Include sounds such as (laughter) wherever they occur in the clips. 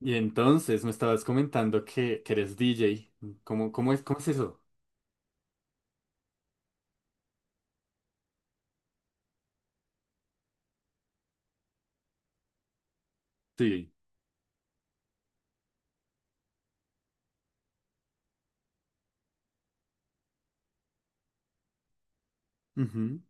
Y entonces me estabas comentando que eres DJ. ¿Cómo es eso? Sí. Ujú.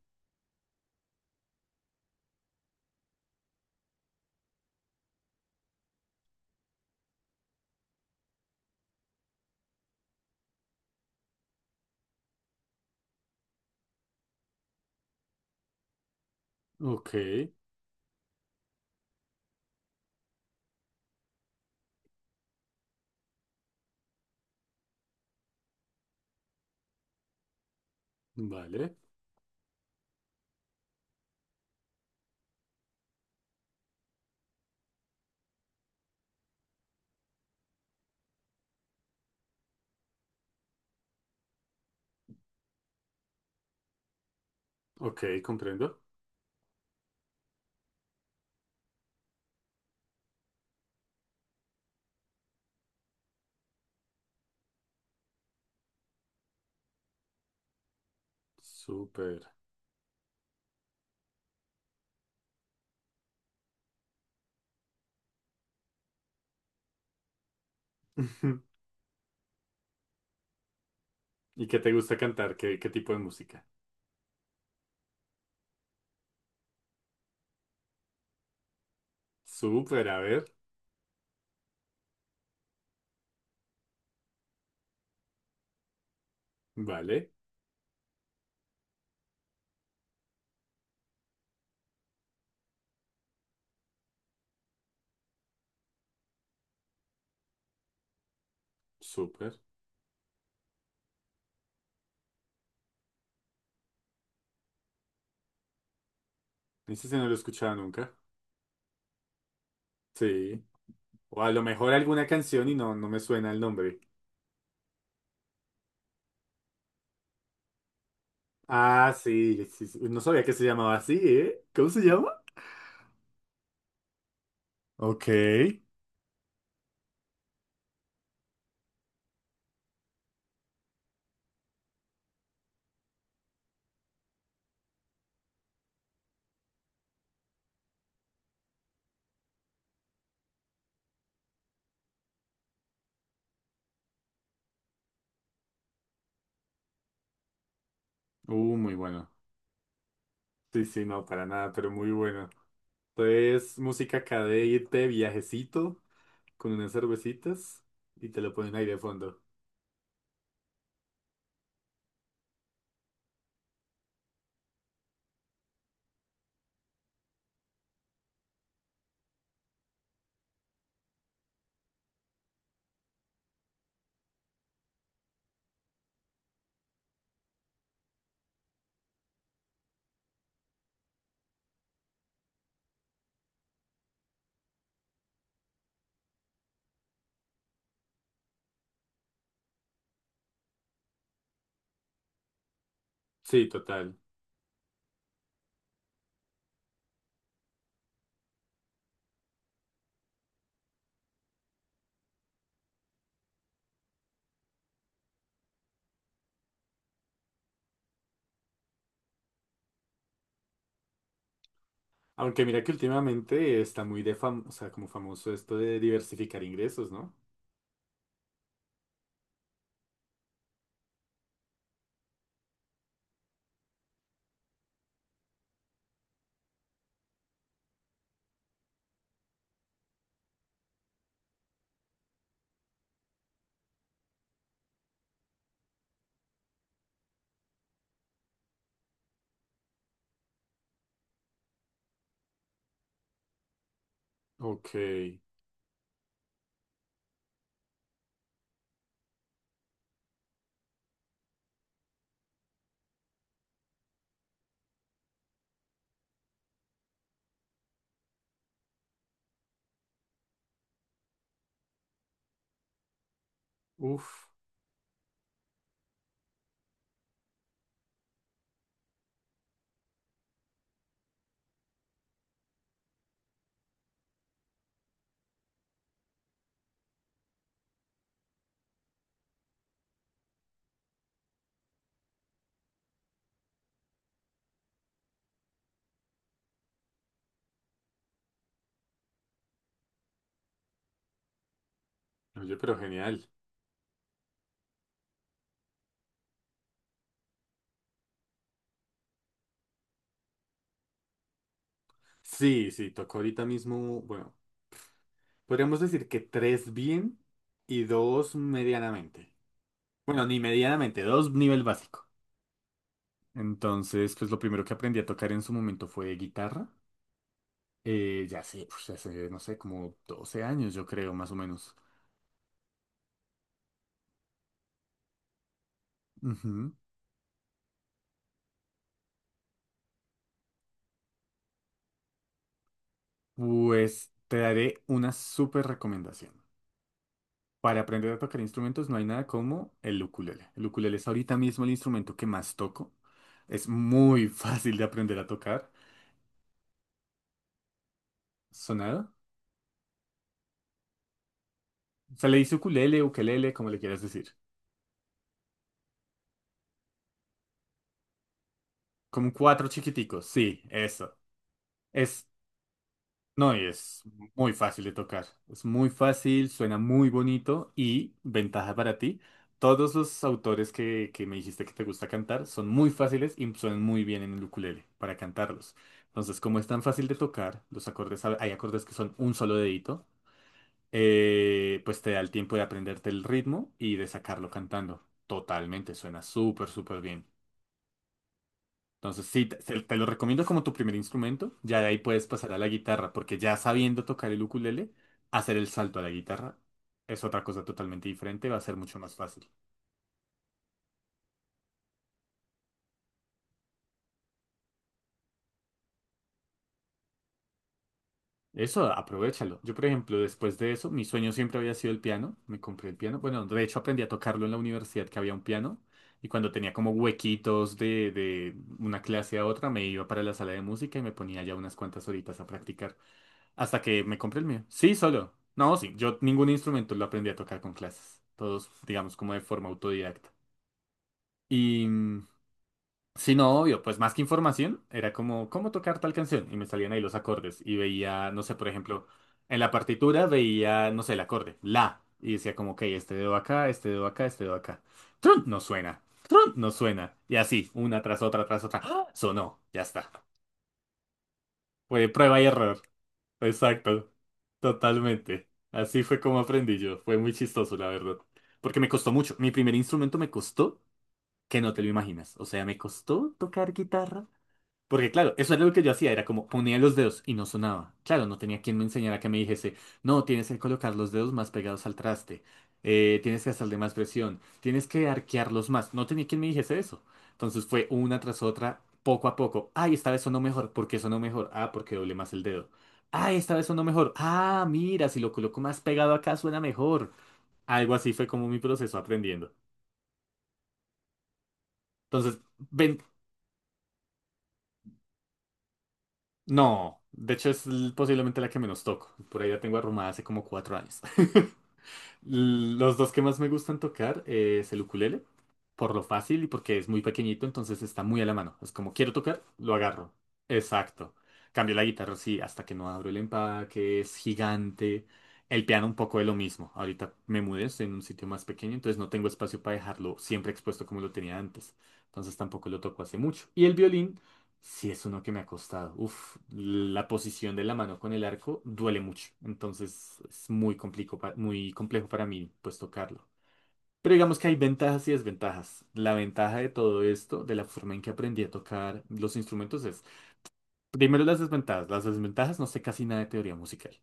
Ok, vale. Ok, comprendo. Súper. (laughs) Ujú. ¿Y qué te gusta cantar? ¿Qué tipo de música? Súper, a ver. Vale, súper. Ese sí no lo he escuchado nunca. Sí. O a lo mejor alguna canción y no me suena el nombre. Ah, sí, sí, sí. No sabía que se llamaba así, ¿eh? ¿Cómo se llama? Ok. Muy bueno. Sí, sí, no, para nada, pero muy bueno. Entonces, música acá de irte de viajecito con unas cervecitas y te lo ponen ahí de fondo. Sí, total. Aunque mira que últimamente está muy de fam, o sea, como famoso esto de diversificar ingresos, ¿no? Ok. Uf. Oye, pero genial. Sí, sí, tocó ahorita mismo, bueno, podríamos decir que tres bien y dos medianamente. Bueno, ni medianamente, dos nivel básico. Entonces, pues lo primero que aprendí a tocar en su momento fue guitarra. Ya sé, pues, hace, no sé, como 12 años, yo creo, más o menos. Ujú. Pues te daré una súper recomendación. Para aprender a tocar instrumentos no hay nada como el ukulele. El ukulele es ahorita mismo el instrumento que más toco. Es muy (laughs) fácil de aprender a tocar. ¿Sonado? Se le dice ukulele, ukelele, como le quieras decir. Como cuatro chiquiticos, sí, eso. Es No, y es muy fácil de tocar. Es muy fácil, suena muy bonito y ventaja para ti. Todos los autores que me dijiste que te gusta cantar son muy fáciles y suenan muy bien en el ukulele para cantarlos. Entonces, como es tan fácil de tocar, los acordes, hay acordes que son un solo dedito, pues te da el tiempo de aprenderte el ritmo y de sacarlo cantando. Totalmente, suena súper, súper bien. Entonces, sí, te lo recomiendo como tu primer instrumento. Ya de ahí puedes pasar a la guitarra, porque ya sabiendo tocar el ukulele, hacer el salto a la guitarra es otra cosa totalmente diferente, va a ser mucho más fácil. Eso, aprovechalo. Yo, por ejemplo, después de eso, mi sueño siempre había sido el piano. Me compré el piano. Bueno, de hecho aprendí a tocarlo en la universidad, que había un piano. Y cuando tenía como huequitos de una clase a otra, me iba para la sala de música y me ponía ya unas cuantas horitas a practicar. Hasta que me compré el mío. Sí, solo. No, sí, yo ningún instrumento lo aprendí a tocar con clases. Todos, digamos, como de forma autodidacta. Y sí, no, obvio, pues más que información, era como cómo tocar tal canción. Y me salían ahí los acordes. Y veía, no sé, por ejemplo, en la partitura veía, no sé, el acorde, la. Y decía como, ok, este dedo acá, este dedo acá, este dedo acá. Trun, no suena. Trun, no suena. Y así, una tras otra, tras otra. ¡Ah! Sonó, ya está. Fue prueba y error. Exacto, totalmente. Así fue como aprendí yo. Fue muy chistoso, la verdad. Porque me costó mucho. Mi primer instrumento me costó que no te lo imaginas. O sea, me costó tocar guitarra. Porque claro, eso era lo que yo hacía, era como ponía los dedos y no sonaba. Claro, no tenía quien me enseñara que me dijese, no, tienes que colocar los dedos más pegados al traste, tienes que hacerle más presión, tienes que arquearlos más. No tenía quien me dijese eso. Entonces fue una tras otra, poco a poco. Ay, esta vez sonó mejor. ¿Por qué sonó mejor? Ah, porque doblé más el dedo. Ay, esta vez sonó mejor. Ah, mira, si lo coloco más pegado acá suena mejor. Algo así fue como mi proceso aprendiendo. Entonces, ven- no, de hecho es posiblemente la que menos toco. Por ahí la tengo arrumada hace como 4 años. (laughs) Los dos que más me gustan tocar es el ukulele, por lo fácil y porque es muy pequeñito, entonces está muy a la mano. Es como quiero tocar, lo agarro. Exacto. Cambio la guitarra, sí, hasta que no abro el empaque, es gigante. El piano un poco de lo mismo. Ahorita me mudé, estoy en un sitio más pequeño, entonces no tengo espacio para dejarlo siempre expuesto como lo tenía antes. Entonces tampoco lo toco hace mucho. Y el violín. Sí, es uno que me ha costado. Uf, la posición de la mano con el arco duele mucho. Entonces es muy complejo para mí, pues tocarlo. Pero digamos que hay ventajas y desventajas. La ventaja de todo esto, de la forma en que aprendí a tocar los instrumentos, es primero las desventajas. Las desventajas no sé casi nada de teoría musical.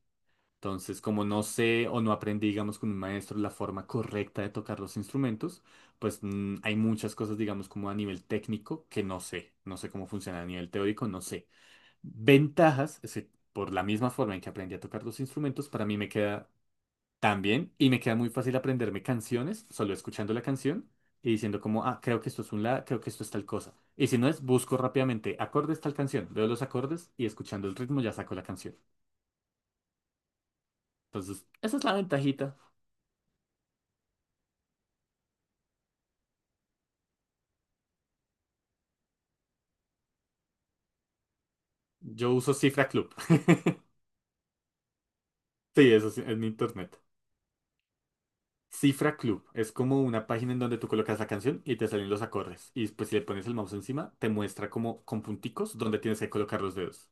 Entonces, como no sé o no aprendí, digamos, con un maestro la forma correcta de tocar los instrumentos, pues hay muchas cosas, digamos, como a nivel técnico que no sé. No sé cómo funciona a nivel teórico, no sé. Ventajas, es decir, por la misma forma en que aprendí a tocar los instrumentos, para mí me, queda tan bien y me queda muy fácil aprenderme canciones solo escuchando la canción y diciendo como, ah, creo que esto es un la, creo que esto es tal cosa. Y si no es, busco rápidamente acordes tal canción, veo los acordes y escuchando el ritmo ya saco la canción. Entonces, esa es la ventajita. Yo uso Cifra Club. (laughs) Sí, eso sí, es mi internet. Cifra Club es como una página en donde tú colocas la canción y te salen los acordes. Y después si le pones el mouse encima, te muestra como con punticos donde tienes que colocar los dedos.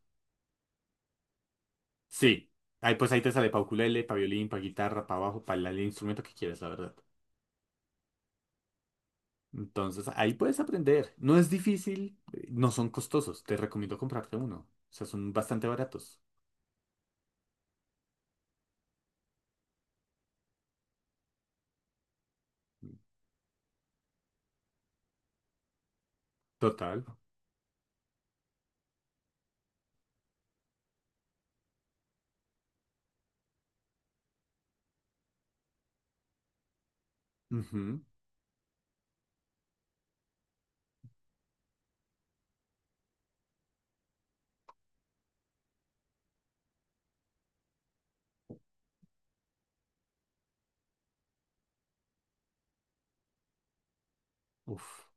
Sí. Ahí, pues ahí te sale para ukulele, para violín, para guitarra, para bajo, para el instrumento que quieras, la verdad. Entonces ahí puedes aprender. No es difícil, no son costosos. Te recomiendo comprarte uno. O sea, son bastante baratos. Total. Ujú. Uf.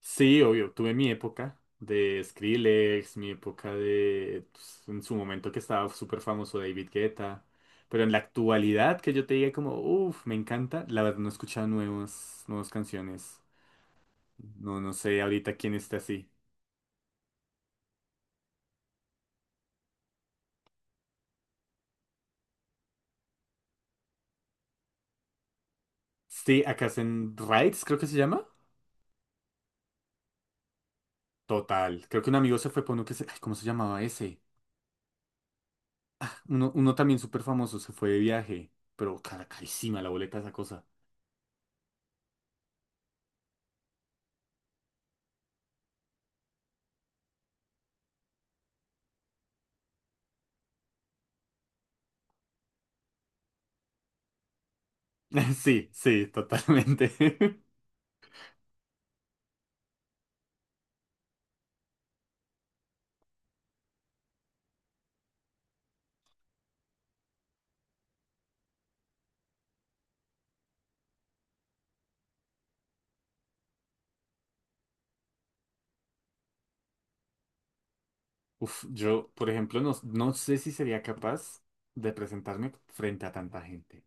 Sí, obvio, tuve mi época de Skrillex, mi época de, pues, en su momento que estaba súper famoso David Guetta, pero en la actualidad que yo te diga como, uff, me encanta, la verdad no he escuchado nuevas canciones. no, sé ahorita quién está así. Sí, acá hacen Rights, creo que se llama. Total, creo que un amigo se fue por uno que se, ay, ¿cómo se llamaba ese? Uno también súper famoso, se fue de viaje, pero cara, carísima la boleta de esa cosa. (laughs) Sí, sí, totalmente. (laughs) Uf, yo, por ejemplo, no sé si sería capaz de presentarme frente a tanta gente.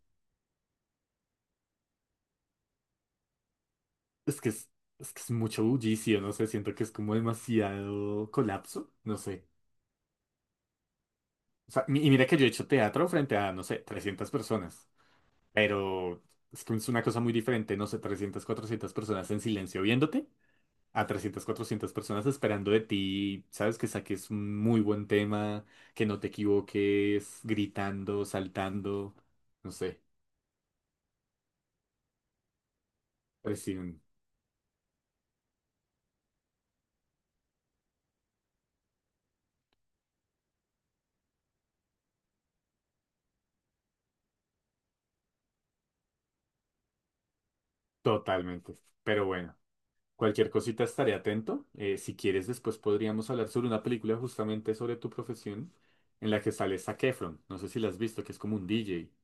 Es que es, es que es mucho bullicio, no sé, siento que es como demasiado colapso, no sé. O sea, y mira que yo he hecho teatro frente a, no sé, 300 personas, pero es que es una cosa muy diferente, no sé, 300 400 personas en silencio viéndote, a 300 400 personas esperando de ti, sabes, que saques un muy buen tema, que no te equivoques, gritando, saltando, no sé. Presión. Totalmente. Pero bueno, cualquier cosita estaré atento. Si quieres, después podríamos hablar sobre una película justamente sobre tu profesión en la que sale Zac Efron. No sé si la has visto, que es como un DJ.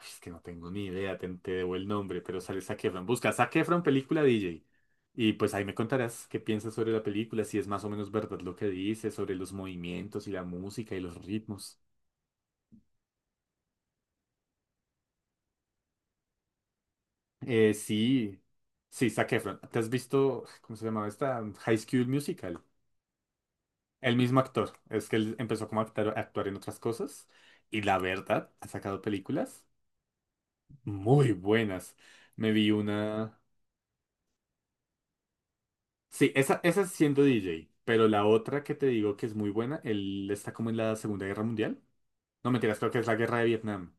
Es que no tengo ni idea, te debo el nombre, pero sale Zac Efron. Busca Zac Efron película DJ. Y pues ahí me contarás qué piensas sobre la película, si es más o menos verdad lo que dice, sobre los movimientos y la música y los ritmos. Sí, sí, Zac Efron. ¿Te has visto, cómo se llamaba esta? High School Musical. El mismo actor. Es que él empezó como a actuar en otras cosas. Y la verdad, ha sacado películas muy buenas. Me vi una. Sí, esa es siendo DJ. Pero la otra que te digo que es muy buena, él está como en la Segunda Guerra Mundial. No mentiras, creo que es la Guerra de Vietnam.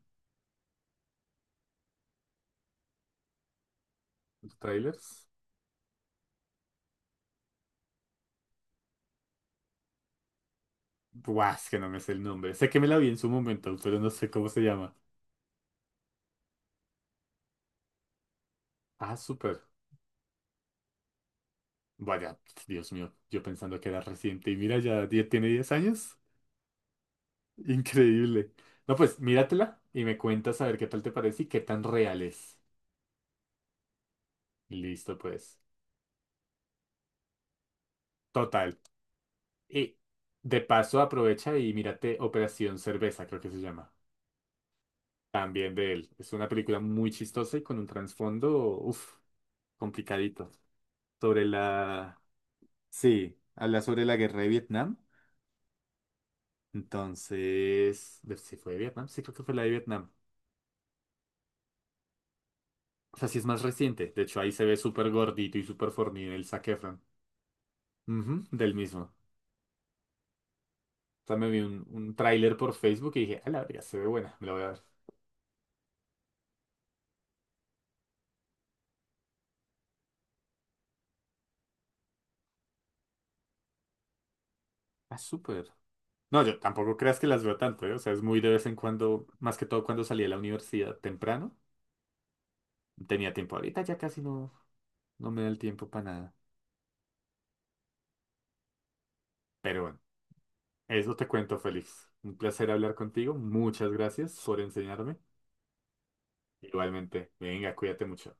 Los trailers. Buah, es que no me sé el nombre. Sé que me la vi en su momento, pero no sé cómo se llama. Ah, súper. Vaya, Dios mío, yo pensando que era reciente. Y mira, ya tiene 10 años. Increíble. No, pues míratela y me cuentas a ver qué tal te parece y qué tan real es. Listo, pues. Total. Y de paso aprovecha y mírate Operación Cerveza, creo que se llama. También de él. Es una película muy chistosa y con un trasfondo, uff, complicadito. Sobre la... Sí, habla sobre la guerra de Vietnam. Entonces, ¿sí fue de Vietnam? Sí, creo que fue la de Vietnam. O sea, sí es más reciente. De hecho, ahí se ve súper gordito y súper fornido el Zac Efron. Ujú, del mismo. O sea, me vi un, tráiler por Facebook y dije, a la verga, se ve buena, me la voy a ver. Ah, súper. No, yo tampoco creas que las veo tanto, ¿eh? O sea, es muy de vez en cuando, más que todo cuando salí de la universidad temprano. Tenía tiempo ahorita, ya casi no, me da el tiempo para nada. Pero bueno, eso te cuento, Félix. Un placer hablar contigo. Muchas gracias por enseñarme. Igualmente, venga, cuídate mucho.